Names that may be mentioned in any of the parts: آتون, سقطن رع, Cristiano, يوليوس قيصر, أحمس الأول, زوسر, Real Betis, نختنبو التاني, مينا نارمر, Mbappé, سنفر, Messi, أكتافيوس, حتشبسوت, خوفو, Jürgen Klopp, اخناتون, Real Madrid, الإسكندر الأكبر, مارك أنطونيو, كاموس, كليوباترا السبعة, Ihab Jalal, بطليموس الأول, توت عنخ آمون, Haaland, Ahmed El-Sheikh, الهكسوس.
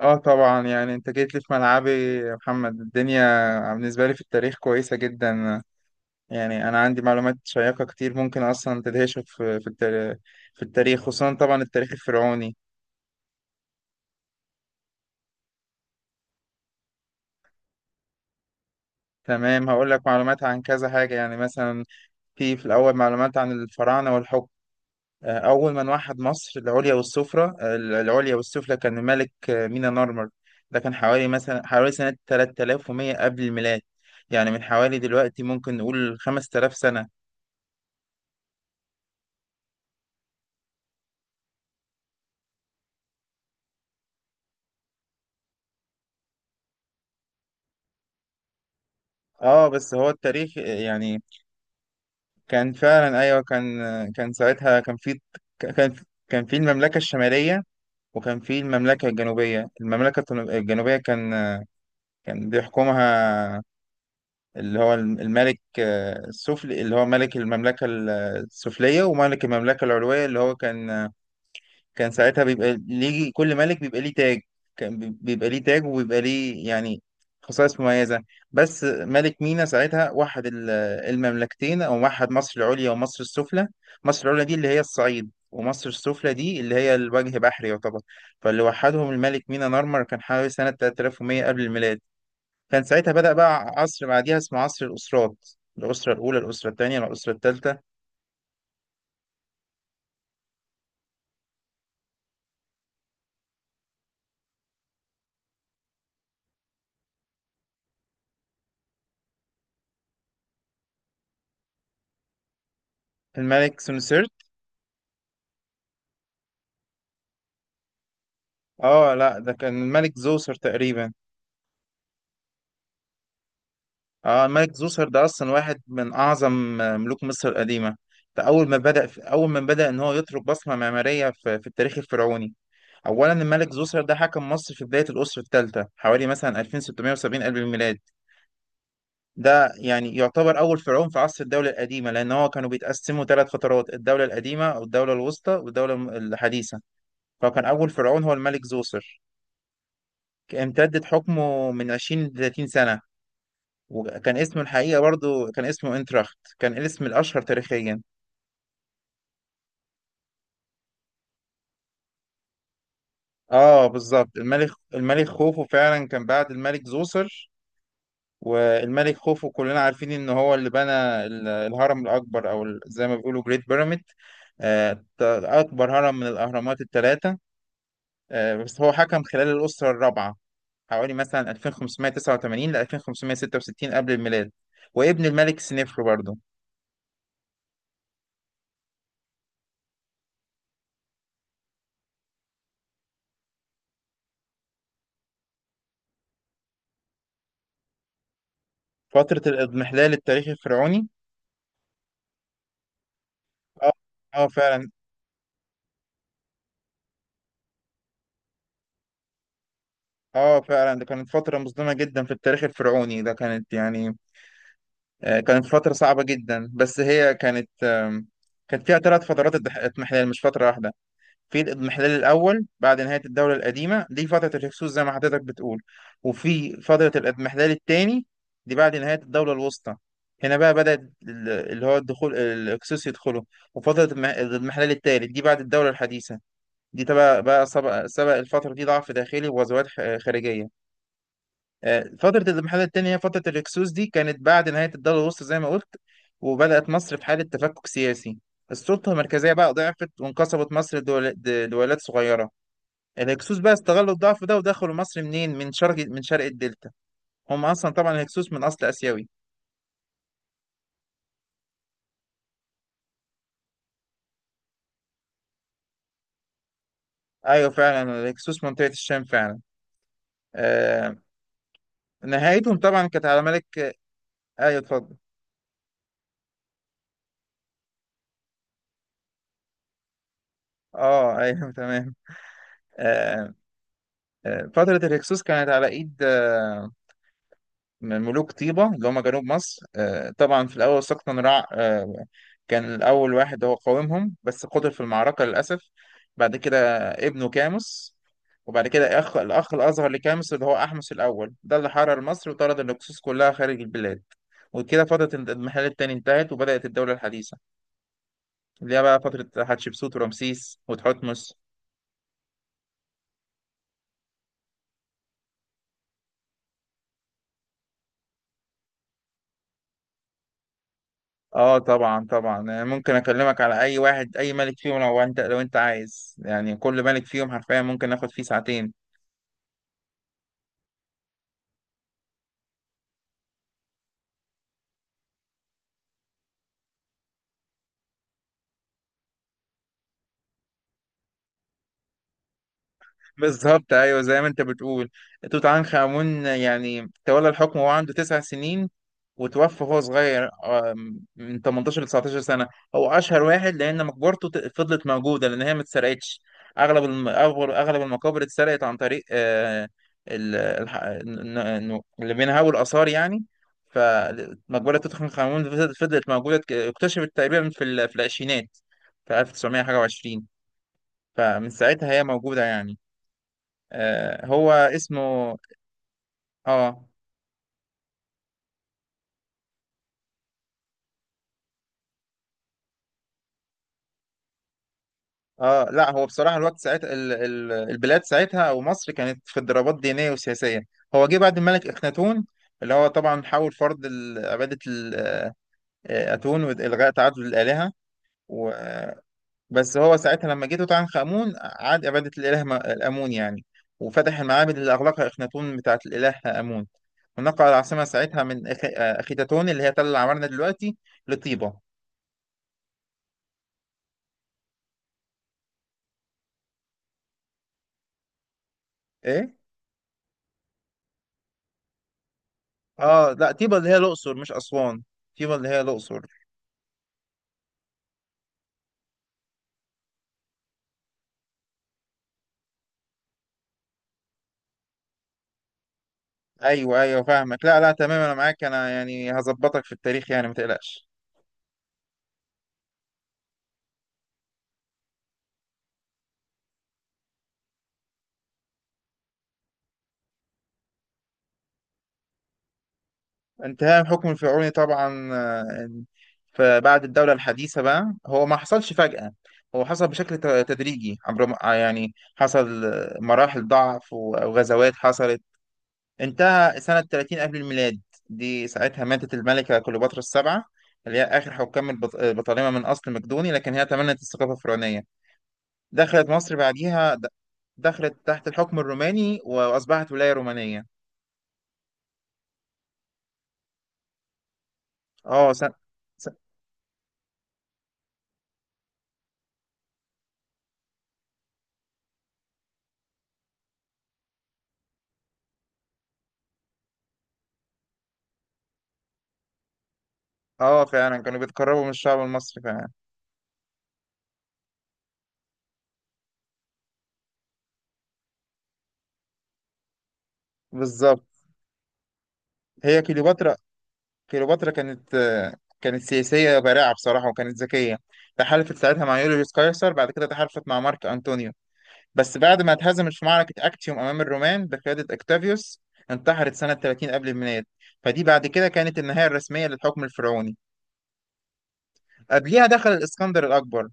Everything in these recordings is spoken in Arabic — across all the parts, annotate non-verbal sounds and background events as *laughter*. اه، طبعا يعني انت جيت لي في ملعبي، يا محمد. الدنيا بالنسبة لي في التاريخ كويسة جدا. يعني انا عندي معلومات شيقة كتير ممكن اصلا تدهشك في التاريخ، خصوصا طبعا التاريخ الفرعوني. تمام، هقول لك معلومات عن كذا حاجة، يعني مثلا في الاول معلومات عن الفراعنة والحكم. اول من وحد مصر العليا والسفرة آه، العليا والسفلى كان ملك مينا نارمر. ده كان حوالي سنة 3100 قبل الميلاد. يعني من حوالي دلوقتي ممكن نقول 5000 سنة. اه، بس هو التاريخ يعني، كان فعلا، ايوه، كان ساعتها كان في كان كان في المملكه الشماليه، وكان في المملكه الجنوبيه، الجنوبيه كان. كان بيحكمها اللي هو الملك السفلي، اللي هو ملك المملكه السفليه، وملك المملكه العلويه اللي هو كان. كان ساعتها بيبقى ليه، كل ملك بيبقى ليه تاج. كان بيبقى ليه تاج، وبيبقى ليه يعني خصائص مميزة. بس ملك مينا ساعتها وحد المملكتين، أو وحد مصر العليا ومصر السفلى. مصر العليا دي اللي هي الصعيد، ومصر السفلى دي اللي هي الوجه بحري يعتبر. فاللي وحدهم الملك مينا نارمر كان حوالي سنة 3100 قبل الميلاد. كان ساعتها بدأ بقى عصر بعديها اسمه عصر الأسرات: الأسرة الأولى، الأسرة الثانية، الأسرة الثالثة. الملك سونسيرت؟ اه لا، ده كان الملك زوسر تقريبا. اه، الملك زوسر ده اصلا واحد من اعظم ملوك مصر القديمه. ده اول ما بدا ان هو يترك بصمه معماريه في التاريخ الفرعوني. اولا، الملك زوسر ده حكم مصر في بدايه الاسره الثالثه، حوالي مثلا 2670 قبل الميلاد. ده يعني يعتبر اول فرعون في عصر الدوله القديمه، لان هو كانوا بيتقسموا 3 فترات: الدوله القديمه، او الدوله الوسطى، والدوله الحديثه. فكان اول فرعون هو الملك زوسر. امتدت حكمه من 20 ل 30 سنه. وكان اسمه الحقيقة، برضو كان اسمه انتراخت، كان الاسم الأشهر تاريخيا. اه، بالظبط. الملك خوفو فعلا كان بعد الملك زوسر. والملك خوفو كلنا عارفين ان هو اللي بنى الهرم الأكبر، او زي ما بيقولوا جريت بيراميد. أكبر هرم من الأهرامات الثلاثة. بس هو حكم خلال الأسرة الرابعة، حوالي مثلا 2589 ل 2566 قبل الميلاد، وابن الملك سنفر برضه. فترة الإضمحلال التاريخي الفرعوني. اه، اه، فعلا. اه فعلا، ده كانت فترة مظلمة جدا في التاريخ الفرعوني. ده كانت يعني، كانت فترة صعبة جدا، بس هي كانت فيها 3 فترات اضمحلال، مش فترة واحدة. في الاضمحلال الأول، بعد نهاية الدولة القديمة، دي فترة الهكسوس زي ما حضرتك بتقول. وفي فترة الاضمحلال الثاني، دي بعد نهاية الدولة الوسطى. هنا بقى بدأت اللي هو الدخول، الهكسوس يدخلوا. وفترة الاضمحلال الثالث دي بعد الدولة الحديثة. دي تبقى بقى سبق الفترة دي ضعف داخلي وغزوات خارجية. فترة الانحلال التاني هي فترة الهكسوس، دي كانت بعد نهاية الدولة الوسطى زي ما قلت. وبدأت مصر في حالة تفكك سياسي. السلطة المركزية بقى ضعفت، وانقسمت مصر لدولات صغيرة. الهكسوس بقى استغلوا الضعف ده، ودخلوا مصر منين؟ من شرق الدلتا. هم أصلا طبعا الهكسوس من أصل آسيوي. أيوة فعلا، الهكسوس منطقة الشام فعلا. آه نهايتهم طبعا كانت على ملك. أيوة، اتفضل. اه، ايوه. *laughs* تمام. آه فترة الهكسوس كانت على ايد، من ملوك طيبة اللي هم جنوب مصر. طبعا في الأول سقطن رع، كان الأول واحد هو قاومهم، بس قتل في المعركة للأسف. بعد كده ابنه كاموس. وبعد كده الأخ الأصغر لكاموس، اللي هو أحمس الأول، ده اللي حرر مصر وطرد الهكسوس كلها خارج البلاد. وكده فترة الانحلال التاني انتهت، وبدأت الدولة الحديثة، اللي هي بقى فترة حتشبسوت ورمسيس وتحتمس. اه طبعا، طبعا. يعني ممكن اكلمك على اي واحد، اي ملك فيهم، لو انت عايز. يعني كل ملك فيهم حرفيا ممكن ناخد فيه ساعتين. *laughs* بالظبط، ايوه، زي ما انت بتقول. توت عنخ امون يعني تولى الحكم وهو عنده 9 سنين. وتوفى وهو صغير، من 18 ل 19 سنة. هو أشهر واحد، لأن مقبرته فضلت موجودة، لأن هي ما اتسرقتش. أغلب المقابر اتسرقت عن طريق، اللي بينهبوا الآثار يعني. فمقبرة توت عنخ آمون فضلت موجودة، اكتشفت تقريبا في العشرينات في 1900 حاجة وعشرين. فمن ساعتها هي موجودة يعني. هو اسمه، اه، اه، لا، هو بصراحه الوقت ساعتها، البلاد ساعتها ومصر كانت في اضطرابات دينيه وسياسيه. هو جه بعد الملك اخناتون، اللي هو طبعا حاول فرض عباده اتون والغاء تعدد الالهه، و... بس هو ساعتها لما جه توت عنخ امون، عاد عباده الاله امون يعني. وفتح المعابد اللي اغلقها اخناتون بتاعه الاله امون. ونقل العاصمه ساعتها من أخ... آه، اخيتاتون، اللي هي تل العمارنه دلوقتي، لطيبه. ايه، اه، لا، طيبه اللي هي الاقصر مش اسوان. طيبه اللي هي الاقصر. ايوه، ايوه، فاهمك. لا، لا، تمام، انا معاك. انا يعني هظبطك في التاريخ يعني، ما تقلقش. انتهاء الحكم الفرعوني، طبعا. فبعد الدولة الحديثة بقى، هو ما حصلش فجأة. هو حصل بشكل تدريجي، عبر يعني حصل مراحل ضعف وغزوات حصلت. انتهى سنة 30 قبل الميلاد. دي ساعتها ماتت الملكة كليوباترا السبعة، اللي هي آخر حكام البطالمة من أصل مقدوني، لكن هي تمنت الثقافة الفرعونية. دخلت مصر بعديها، دخلت تحت الحكم الروماني، وأصبحت ولاية رومانية. اه، سن... اه فعلا، كانوا بيتقربوا من الشعب المصري فعلا. بالظبط. هي كليوباترا كانت، كانت سياسية بارعة بصراحة، وكانت ذكية. تحالفت ساعتها مع يوليوس قيصر، بعد كده تحالفت مع مارك أنطونيو. بس بعد ما اتهزمت في معركة أكتيوم أمام الرومان بقيادة أكتافيوس، انتحرت سنة 30 قبل الميلاد. فدي بعد كده كانت النهاية الرسمية للحكم الفرعوني. قبليها دخل الإسكندر الأكبر،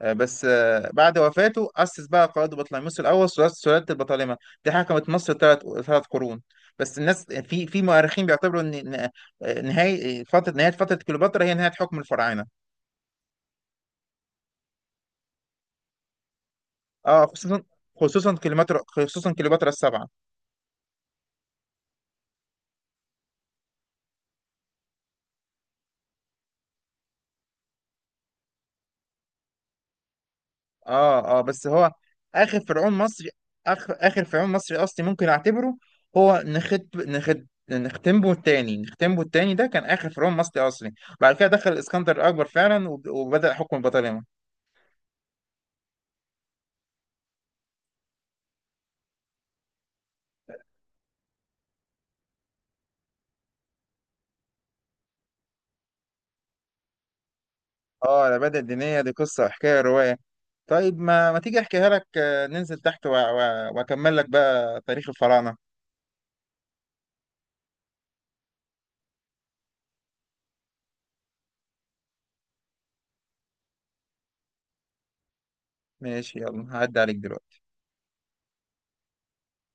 بس بعد وفاته، أسس بقى قائد بطليموس الأول سلالة البطالمة. دي حكمت مصر ثلاث قرون. بس الناس، في مؤرخين بيعتبروا إن، نهاية فترة كليوباترا هي نهاية حكم الفراعنة. اه، خصوصا كليوباترا السبعة. اه، اه. بس هو آخر فرعون مصري آخر فرعون مصري أصلي ممكن أعتبره. هو نختنبو التاني، ده كان آخر فرعون مصري أصلي. بعد كده دخل الإسكندر الأكبر فعلا، وبدأ حكم البطالمة. اه، العبادة الدينية دي قصة وحكاية رواية. طيب، ما تيجي احكيها لك، ننزل تحت واكمل لك بقى تاريخ الفراعنة. ماشي، يلا هعدي عليك دلوقتي.